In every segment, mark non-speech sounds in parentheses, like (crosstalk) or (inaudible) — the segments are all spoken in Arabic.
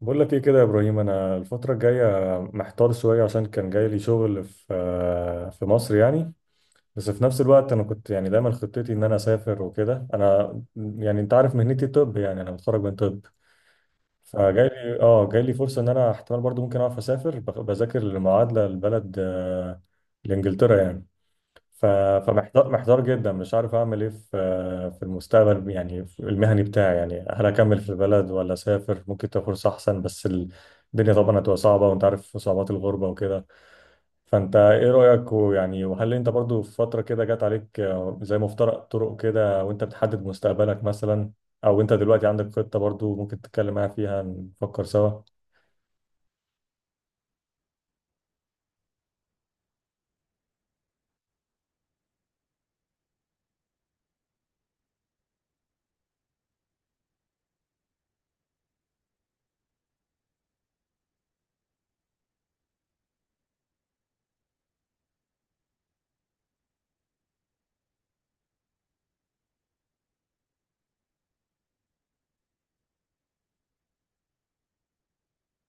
بقول لك ايه كده يا ابراهيم، انا الفتره الجايه محتار شويه، عشان كان جاي لي شغل في مصر يعني. بس في نفس الوقت انا كنت يعني دايما خطتي ان انا اسافر وكده. انا يعني انت عارف مهنتي، طب يعني انا متخرج من طب. فجاي لي اه جاي لي فرصه ان انا احتمال برضو ممكن اعرف اسافر، بذاكر للمعادله لبلد، لانجلترا يعني. ف- فمحتار جدا، مش عارف اعمل ايه في المستقبل يعني، في المهني بتاعي يعني. هل اكمل في البلد ولا اسافر ممكن تبقى فرصه احسن؟ بس الدنيا طبعا هتبقى صعبه، وانت عارف صعوبات الغربه وكده. فانت ايه رايك؟ ويعني وهل انت برضو في فتره كده جت عليك، زي مفترق طرق كده، وانت بتحدد مستقبلك مثلا؟ او انت دلوقتي عندك خطه برضو ممكن تتكلم معايا فيها نفكر سوا؟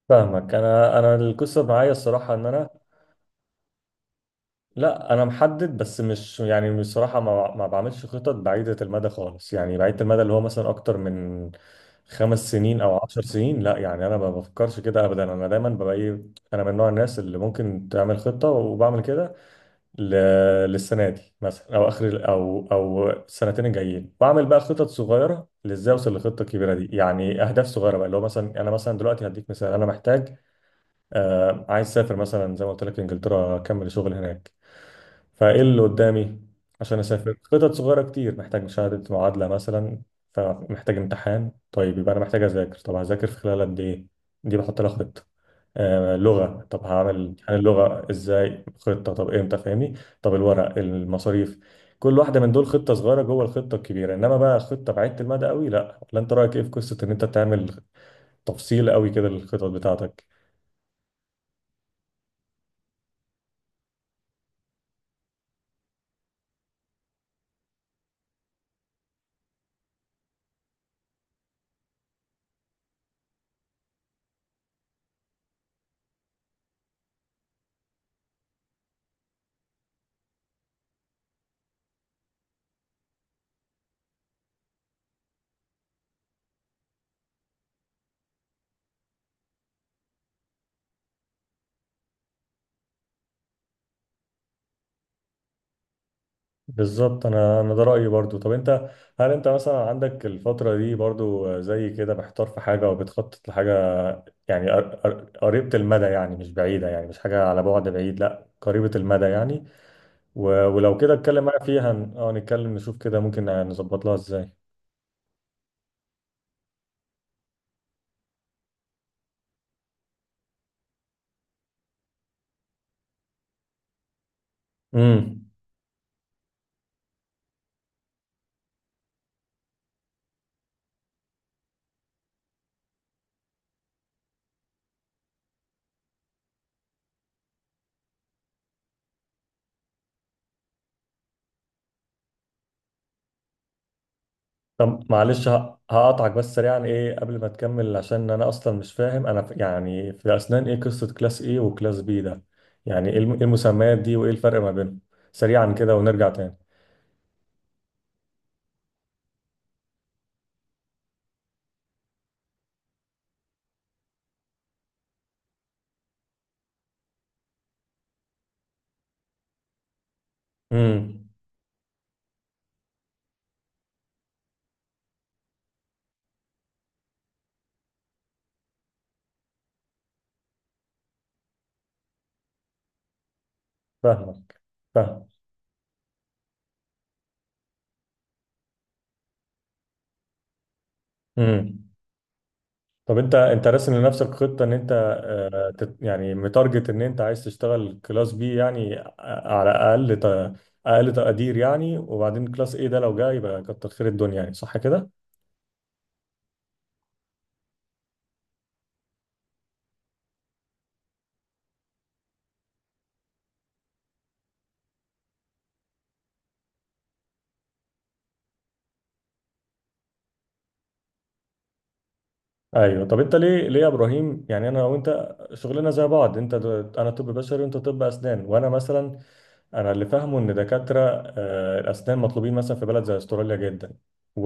فاهمك. انا القصه معايا الصراحه ان انا، لا انا محدد، بس مش يعني، بصراحه ما بعملش خطط بعيده المدى خالص، يعني بعيده المدى اللي هو مثلا اكتر من 5 سنين او 10 سنين، لا. يعني انا ما بفكرش كده ابدا. انا دايما ببقى ايه، انا من نوع الناس اللي ممكن تعمل خطه، وبعمل كده ل... للسنه دي مثلا، او اخر او السنتين الجايين بعمل بقى خطط صغيره، لازاي اوصل للخطه الكبيره دي، يعني اهداف صغيره بقى، اللي هو مثلا انا مثلا دلوقتي هديك مثال. انا محتاج عايز اسافر مثلا زي ما قلت لك انجلترا، اكمل شغل هناك. فايه اللي قدامي عشان اسافر؟ خطط صغيره كتير. محتاج شهاده معادله مثلا، فمحتاج امتحان، طيب يبقى انا محتاج اذاكر طب، هذاكر في خلال قد ايه؟ دي بحط لها خطه. لغه، طب هعمل امتحان اللغه ازاي، خطه، طب امتى؟ فاهمني. طب الورق، المصاريف. كل واحده من دول خطه صغيره جوه الخطه الكبيره. انما بقى خطه بعيده المدى قوي، لا. ولا انت رايك ايه في قصه ان انت تعمل تفصيل قوي كده للخطط بتاعتك؟ بالظبط، انا ده رايي برضو. طب انت، هل انت مثلا عندك الفتره دي برضو زي كده محتار في حاجه، او بتخطط لحاجه، يعني قريبه المدى، يعني مش بعيده، يعني مش حاجه على بعد بعيد، لا قريبه المدى يعني؟ ولو كده اتكلم معايا فيها، نتكلم نشوف كده ممكن نظبط لها ازاي. امم طب معلش، هقطعك بس سريعا ايه قبل ما تكمل، عشان انا اصلا مش فاهم. انا يعني في الاسنان ايه قصة كلاس ايه وكلاس بي ده؟ يعني إيه المسميات دي، وايه الفرق ما بينهم؟ سريعا كده ونرجع تاني. امم فاهمك. فاهم. امم طب، انت راسم لنفسك خطة ان انت، يعني متارجت ان انت عايز تشتغل كلاس بي يعني، على اقل اقل تقدير يعني، وبعدين كلاس ايه ده لو جه يبقى كتر خير الدنيا يعني، صح كده؟ ايوه. طب انت ليه يا ابراهيم يعني، انا وانت شغلنا زي بعض. انت انا طب بشري وانت طب اسنان. وانا مثلا، انا اللي فاهمه ان دكاتره الاسنان مطلوبين مثلا في بلد زي استراليا جدا، و...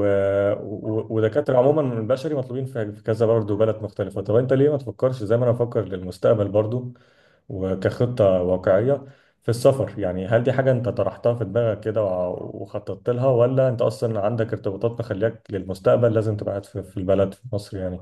ودكاتره عموما من البشري مطلوبين في كذا برضه بلد مختلفه. طب انت ليه ما تفكرش زي ما انا بفكر للمستقبل برضه، وكخطه واقعيه في السفر يعني؟ هل دي حاجه انت طرحتها في دماغك كده وخططت لها، ولا انت اصلا عندك ارتباطات مخليك للمستقبل لازم تبقى قاعد في البلد في مصر يعني؟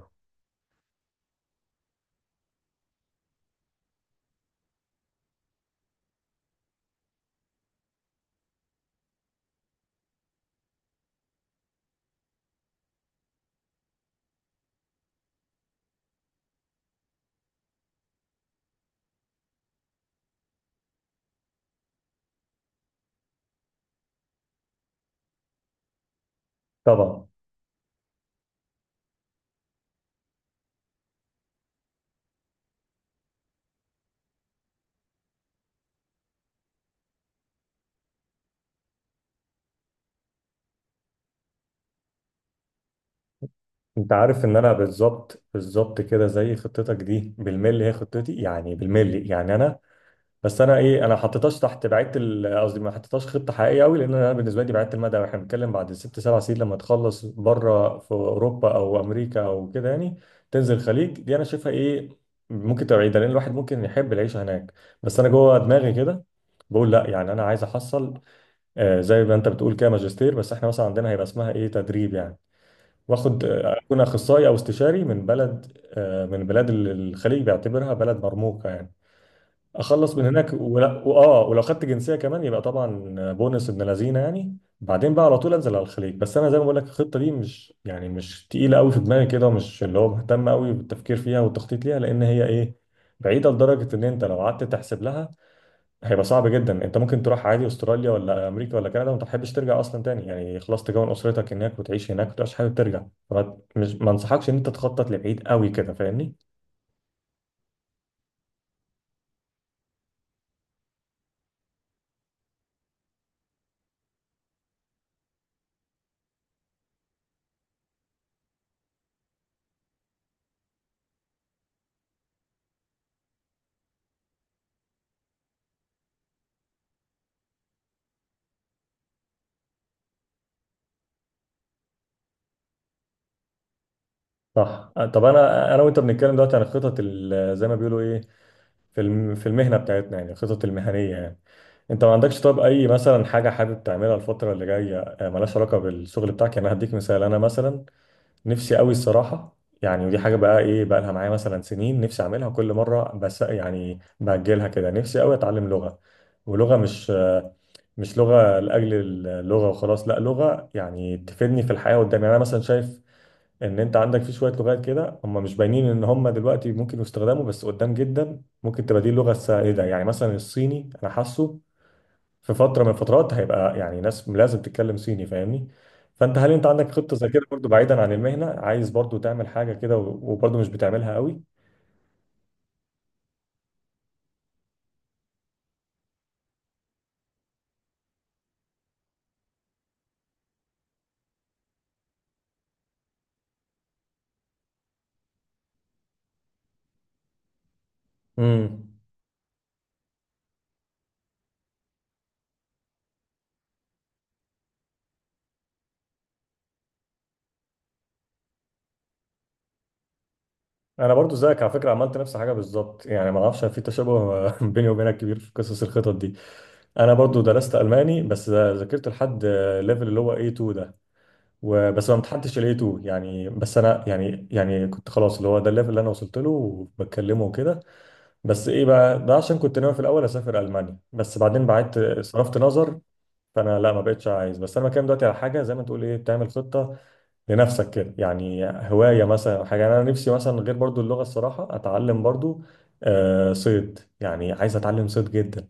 طبعا. انت عارف ان انا بالظبط بالظبط كده زي خطتك دي بالملي، هي خطتي يعني بالملي يعني. انا، بس انا ايه، انا ما حطيتهاش تحت بعيدة قصدي ما حطيتهاش خطه حقيقيه قوي، لان انا بالنسبه لي بعيدة المدى. واحنا بنتكلم بعد 6 7 سنين لما تخلص بره في اوروبا او امريكا او كده يعني، تنزل الخليج. دي انا شايفها ايه؟ ممكن تبقى بعيده، لان الواحد ممكن يحب العيشه هناك. بس انا جوه دماغي كده بقول لا. يعني انا عايز احصل زي ما انت بتقول كده ماجستير، بس احنا مثلا عندنا هيبقى اسمها ايه، تدريب يعني، واخد اكون اخصائي او استشاري من بلد، من بلاد الخليج بيعتبرها بلد مرموقه يعني. اخلص من هناك، ولا واه، ولو خدت جنسيه كمان يبقى طبعا بونس ابن لذينه يعني، بعدين بقى على طول انزل على الخليج. بس انا زي ما بقول لك الخطه دي مش يعني مش تقيله قوي في دماغي كده، ومش اللي هو مهتم قوي بالتفكير فيها والتخطيط ليها، لان هي ايه، بعيده لدرجه ان انت لو قعدت تحسب لها هيبقى صعب جدا. انت ممكن تروح عادي استراليا ولا امريكا ولا كندا وما تحبش ترجع اصلا تاني يعني، خلاص تكون اسرتك هناك وتعيش هناك وتبقاش حابب ترجع. مش ما انصحكش ان انت تخطط لبعيد قوي كده، فاهمني؟ صح. طب انا وانت بنتكلم دلوقتي عن الخطط زي ما بيقولوا ايه، في المهنه بتاعتنا يعني، الخطط المهنيه يعني. انت ما عندكش طب اي مثلا حاجه حابب تعملها الفتره اللي جايه، ملهاش علاقه بالشغل بتاعك يعني؟ انا هديك مثال. انا مثلا نفسي قوي الصراحة، يعني ودي حاجة بقى ايه بقى لها معايا مثلا سنين نفسي اعملها كل مرة، بس يعني بأجلها كده. نفسي قوي اتعلم لغة، ولغة مش لغة لأجل اللغة وخلاص، لا، لغة يعني تفيدني في الحياة قدام يعني. انا مثلا شايف ان انت عندك في شوية لغات كده هم مش باينين ان هم دلوقتي ممكن يستخدموا، بس قدام جدا ممكن تبقى دي اللغة السائدة. يعني مثلا الصيني انا حاسه في فتره من الفترات هيبقى يعني ناس لازم تتكلم صيني، فاهمني؟ فانت هل انت عندك خطه زي كده برضه بعيدا عن المهنه، عايز برضه تعمل حاجه كده وبرضه مش بتعملها قوي؟ امم انا برضه زيك على فكره، عملت نفس الحاجه بالظبط يعني. ما اعرفش في تشابه (laughs) بيني وبينك كبير في قصص الخطط دي. انا برضه درست الماني، بس ذاكرت لحد ليفل اللي هو A2 ده وبس، ما امتحنتش ال A2 يعني. بس انا يعني كنت خلاص اللي هو ده الليفل اللي انا وصلت له وبتكلمه وكده. بس ايه بقى ده؟ عشان كنت ناوي في الاول اسافر المانيا، بس بعدين بعدت صرفت نظر. فانا لا ما بقتش عايز. بس انا بتكلم دلوقتي على حاجه زي ما تقول ايه، بتعمل خطه لنفسك كده يعني، هوايه مثلا أو حاجه يعني. انا نفسي مثلا غير برضو اللغه الصراحه اتعلم برضو، صيد يعني، عايز اتعلم صيد جدا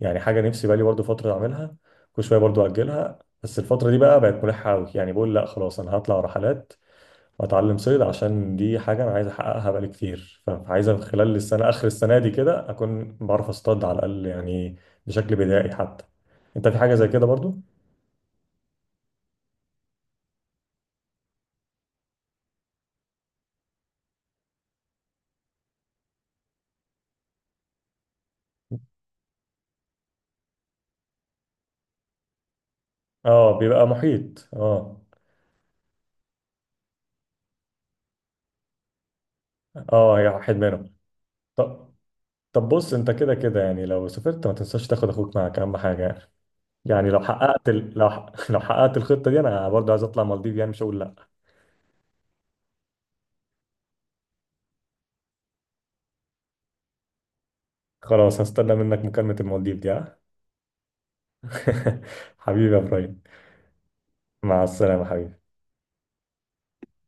يعني. حاجه نفسي بقالي برضو فتره اعملها كل شويه، برضو اجلها، بس الفتره دي بقى بقت ملحه قوي. يعني بقول لا خلاص، انا هطلع رحلات اتعلم صيد، عشان دي حاجه انا عايز احققها بقالي كتير. فعايز من خلال السنه، اخر السنه دي كده، اكون بعرف اصطاد على الاقل يعني، بشكل بدائي حتى. انت في حاجه زي كده برضو؟ اه، بيبقى محيط، اه. اه، هي واحد منهم. طب طب بص، انت كده كده يعني لو سافرت ما تنساش تاخد اخوك معاك، اهم حاجه يعني. يعني لو حققت (laughs) لو حققت الخطه دي انا برضو عايز اطلع مالديف يعني، مش هقول لا. خلاص، هستنى منك مكالمه المالديف دي، ها. (laughs) حبيبي يا ابراهيم، مع السلامه حبيبي.